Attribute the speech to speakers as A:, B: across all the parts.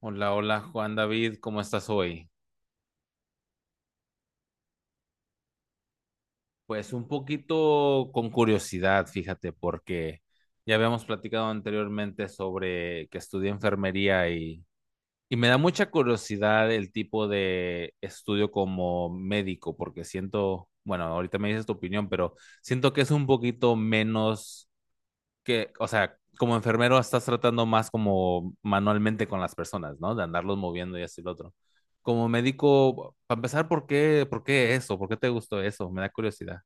A: Hola, hola Juan David, ¿cómo estás hoy? Pues un poquito con curiosidad, fíjate, porque ya habíamos platicado anteriormente sobre que estudié enfermería y me da mucha curiosidad el tipo de estudio como médico, porque siento, bueno, ahorita me dices tu opinión, pero siento que es un poquito menos que, o sea, como enfermero estás tratando más como manualmente con las personas, ¿no? De andarlos moviendo y así lo otro. Como médico, para empezar, ¿por qué eso? ¿Por qué te gustó eso? Me da curiosidad.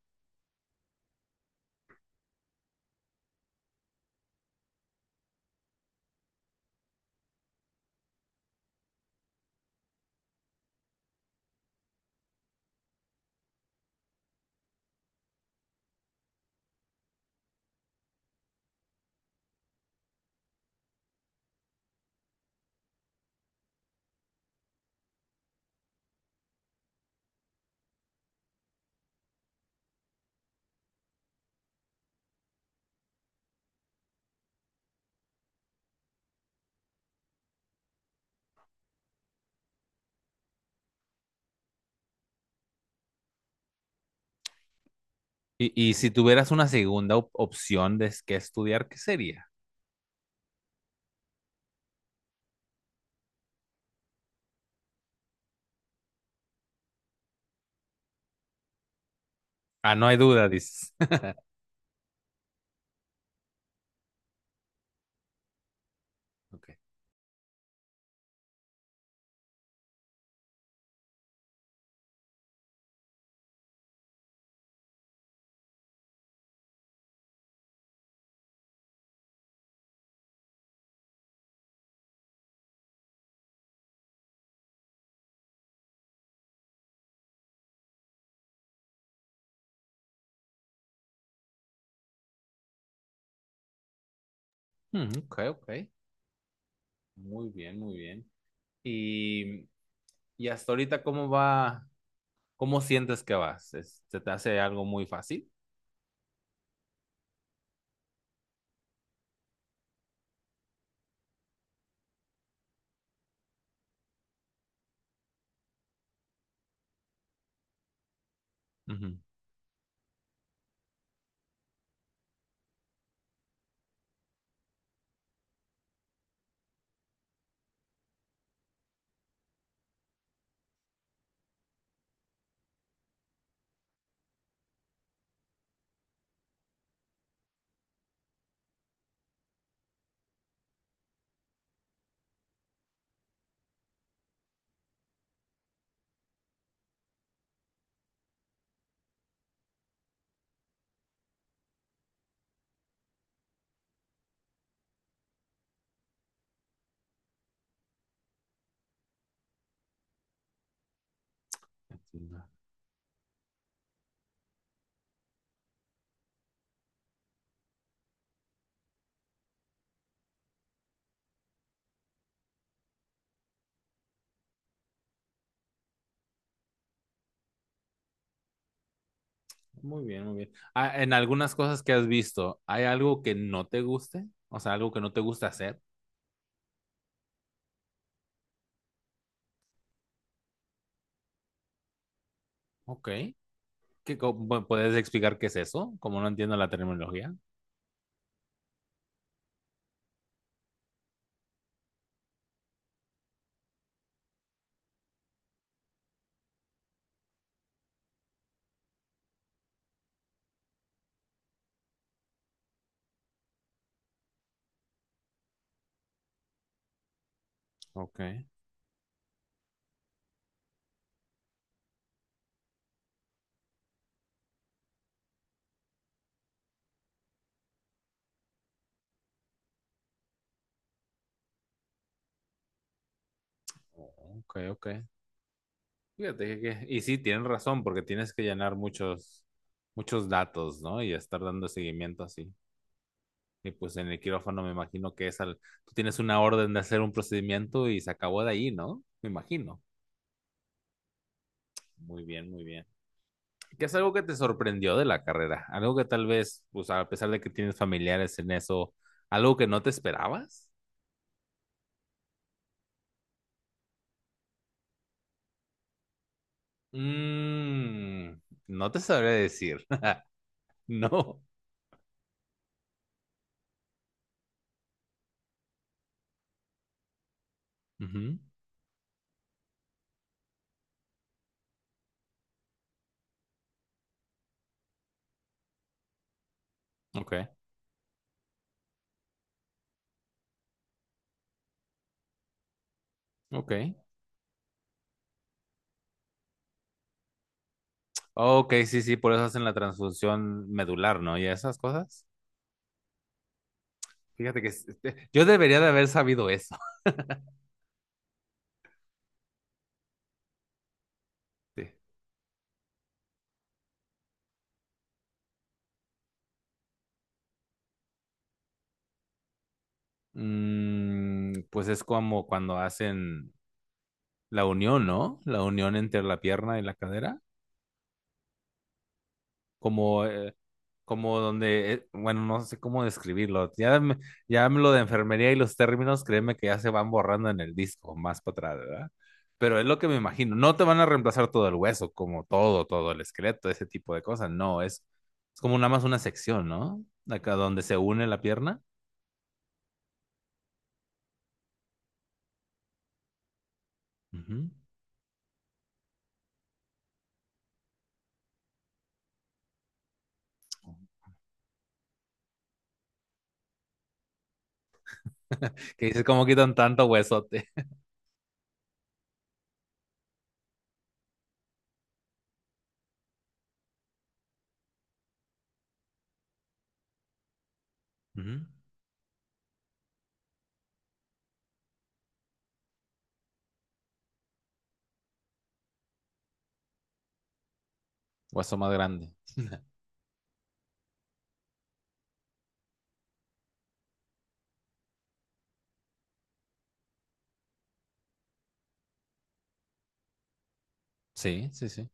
A: Y si tuvieras una segunda opción de qué estudiar, ¿qué sería? Ah, no hay duda, dices. Ok. Mm, ok, ok. Muy bien, muy bien. Y, y hasta ahorita, ¿cómo va? ¿Cómo sientes que vas? ¿Se te hace algo muy fácil? Ujú. Muy bien, muy bien. Ah, en algunas cosas que has visto, ¿hay algo que no te guste? O sea, algo que no te gusta hacer. Ok. ¿Puedes explicar qué es eso? Como no entiendo la terminología. Ok. Ok, ok. Fíjate que, y sí, tienen razón, porque tienes que llenar muchos, muchos datos, ¿no? Y estar dando seguimiento así. Y pues en el quirófano me imagino que es al, tú tienes una orden de hacer un procedimiento y se acabó de ahí, ¿no? Me imagino. Muy bien, muy bien. ¿Qué es algo que te sorprendió de la carrera? ¿Algo que tal vez, pues a pesar de que tienes familiares en eso, algo que no te esperabas? Mm, no te sabré decir. No. Ujú. Ok, ok. Ok, sí, sí, por eso hacen la transfusión medular, ¿no? Y esas cosas. Fíjate que este, yo debería de haber sabido eso. Sí. Mm, pues es como cuando hacen la unión, ¿no? La unión entre la pierna y la cadera. Como, como donde, bueno, no sé cómo describirlo. Ya, ya me lo de enfermería y los términos, créeme que ya se van borrando en el disco, más para atrás, ¿verdad? Pero es lo que me imagino. No te van a reemplazar todo el hueso, como todo, todo el esqueleto, ese tipo de cosas. No, es como nada más una sección, ¿no? Acá donde se une la pierna. Ujú. Que dices, ¿cómo quitan tanto huesote? Ujú. Hueso más grande. Sí, sí, sí.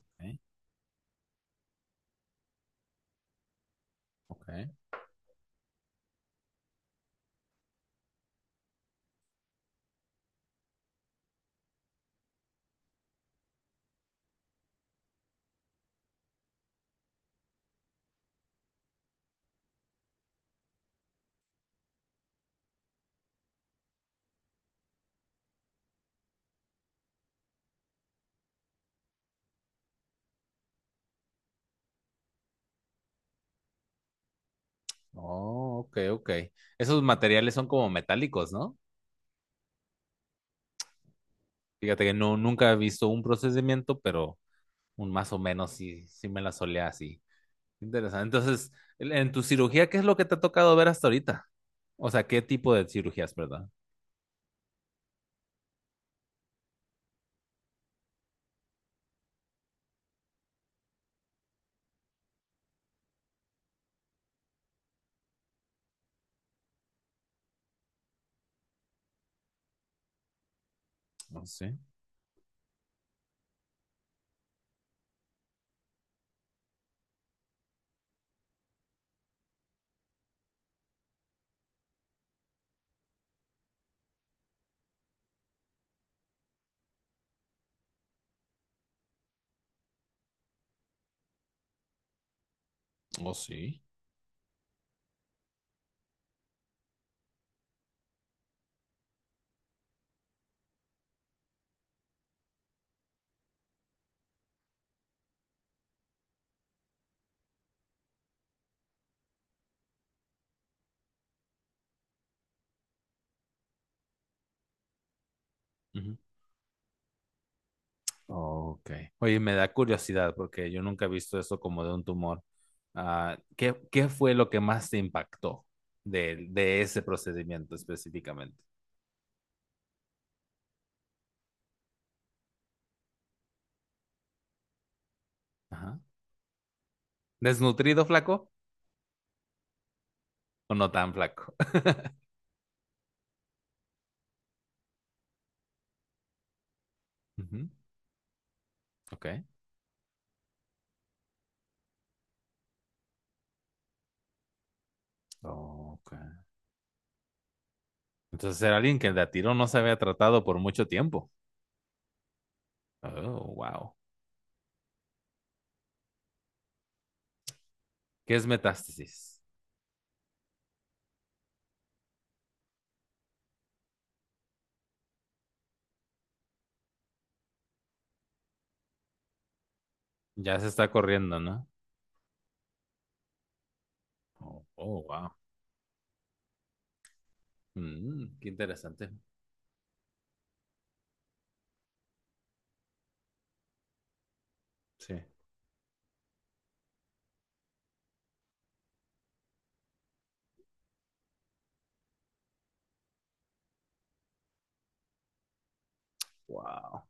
A: Ok, ok. Oh, ok, ok. Esos materiales son como metálicos, ¿no? Fíjate que no, nunca he visto un procedimiento, pero un más o menos sí, sí me la solía así. Interesante. Entonces, en tu cirugía, ¿qué es lo que te ha tocado ver hasta ahorita? O sea, ¿qué tipo de cirugías, verdad? Oh, sí. Oh, sí. Ujú. Ok. Oye, me da curiosidad porque yo nunca he visto eso como de un tumor. Ah, ¿qué fue lo que más te impactó de ese procedimiento específicamente? Ajá. ¿Desnutrido, flaco o no tan flaco? Ujú. Ok. Ok. Entonces era alguien que el de a tiro no se había tratado por mucho tiempo. Oh, wow. ¿Qué es metástasis? Ya se está corriendo, ¿no? Oh, oh, wow. Mm, qué interesante. Sí. Wow.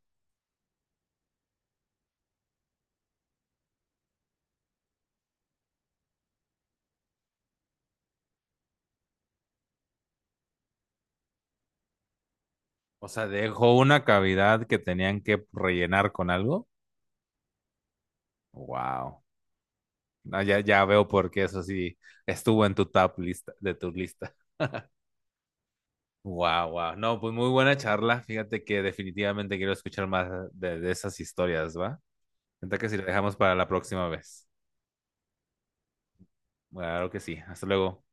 A: O sea, dejó una cavidad que tenían que rellenar con algo. Wow. No, ya, ya veo por qué eso sí estuvo en tu top lista, de tu lista. Wow, wow. No, pues muy buena charla. Fíjate que definitivamente quiero escuchar más de esas historias, ¿va? Entonces que si lo dejamos para la próxima vez. Claro que sí. Hasta luego.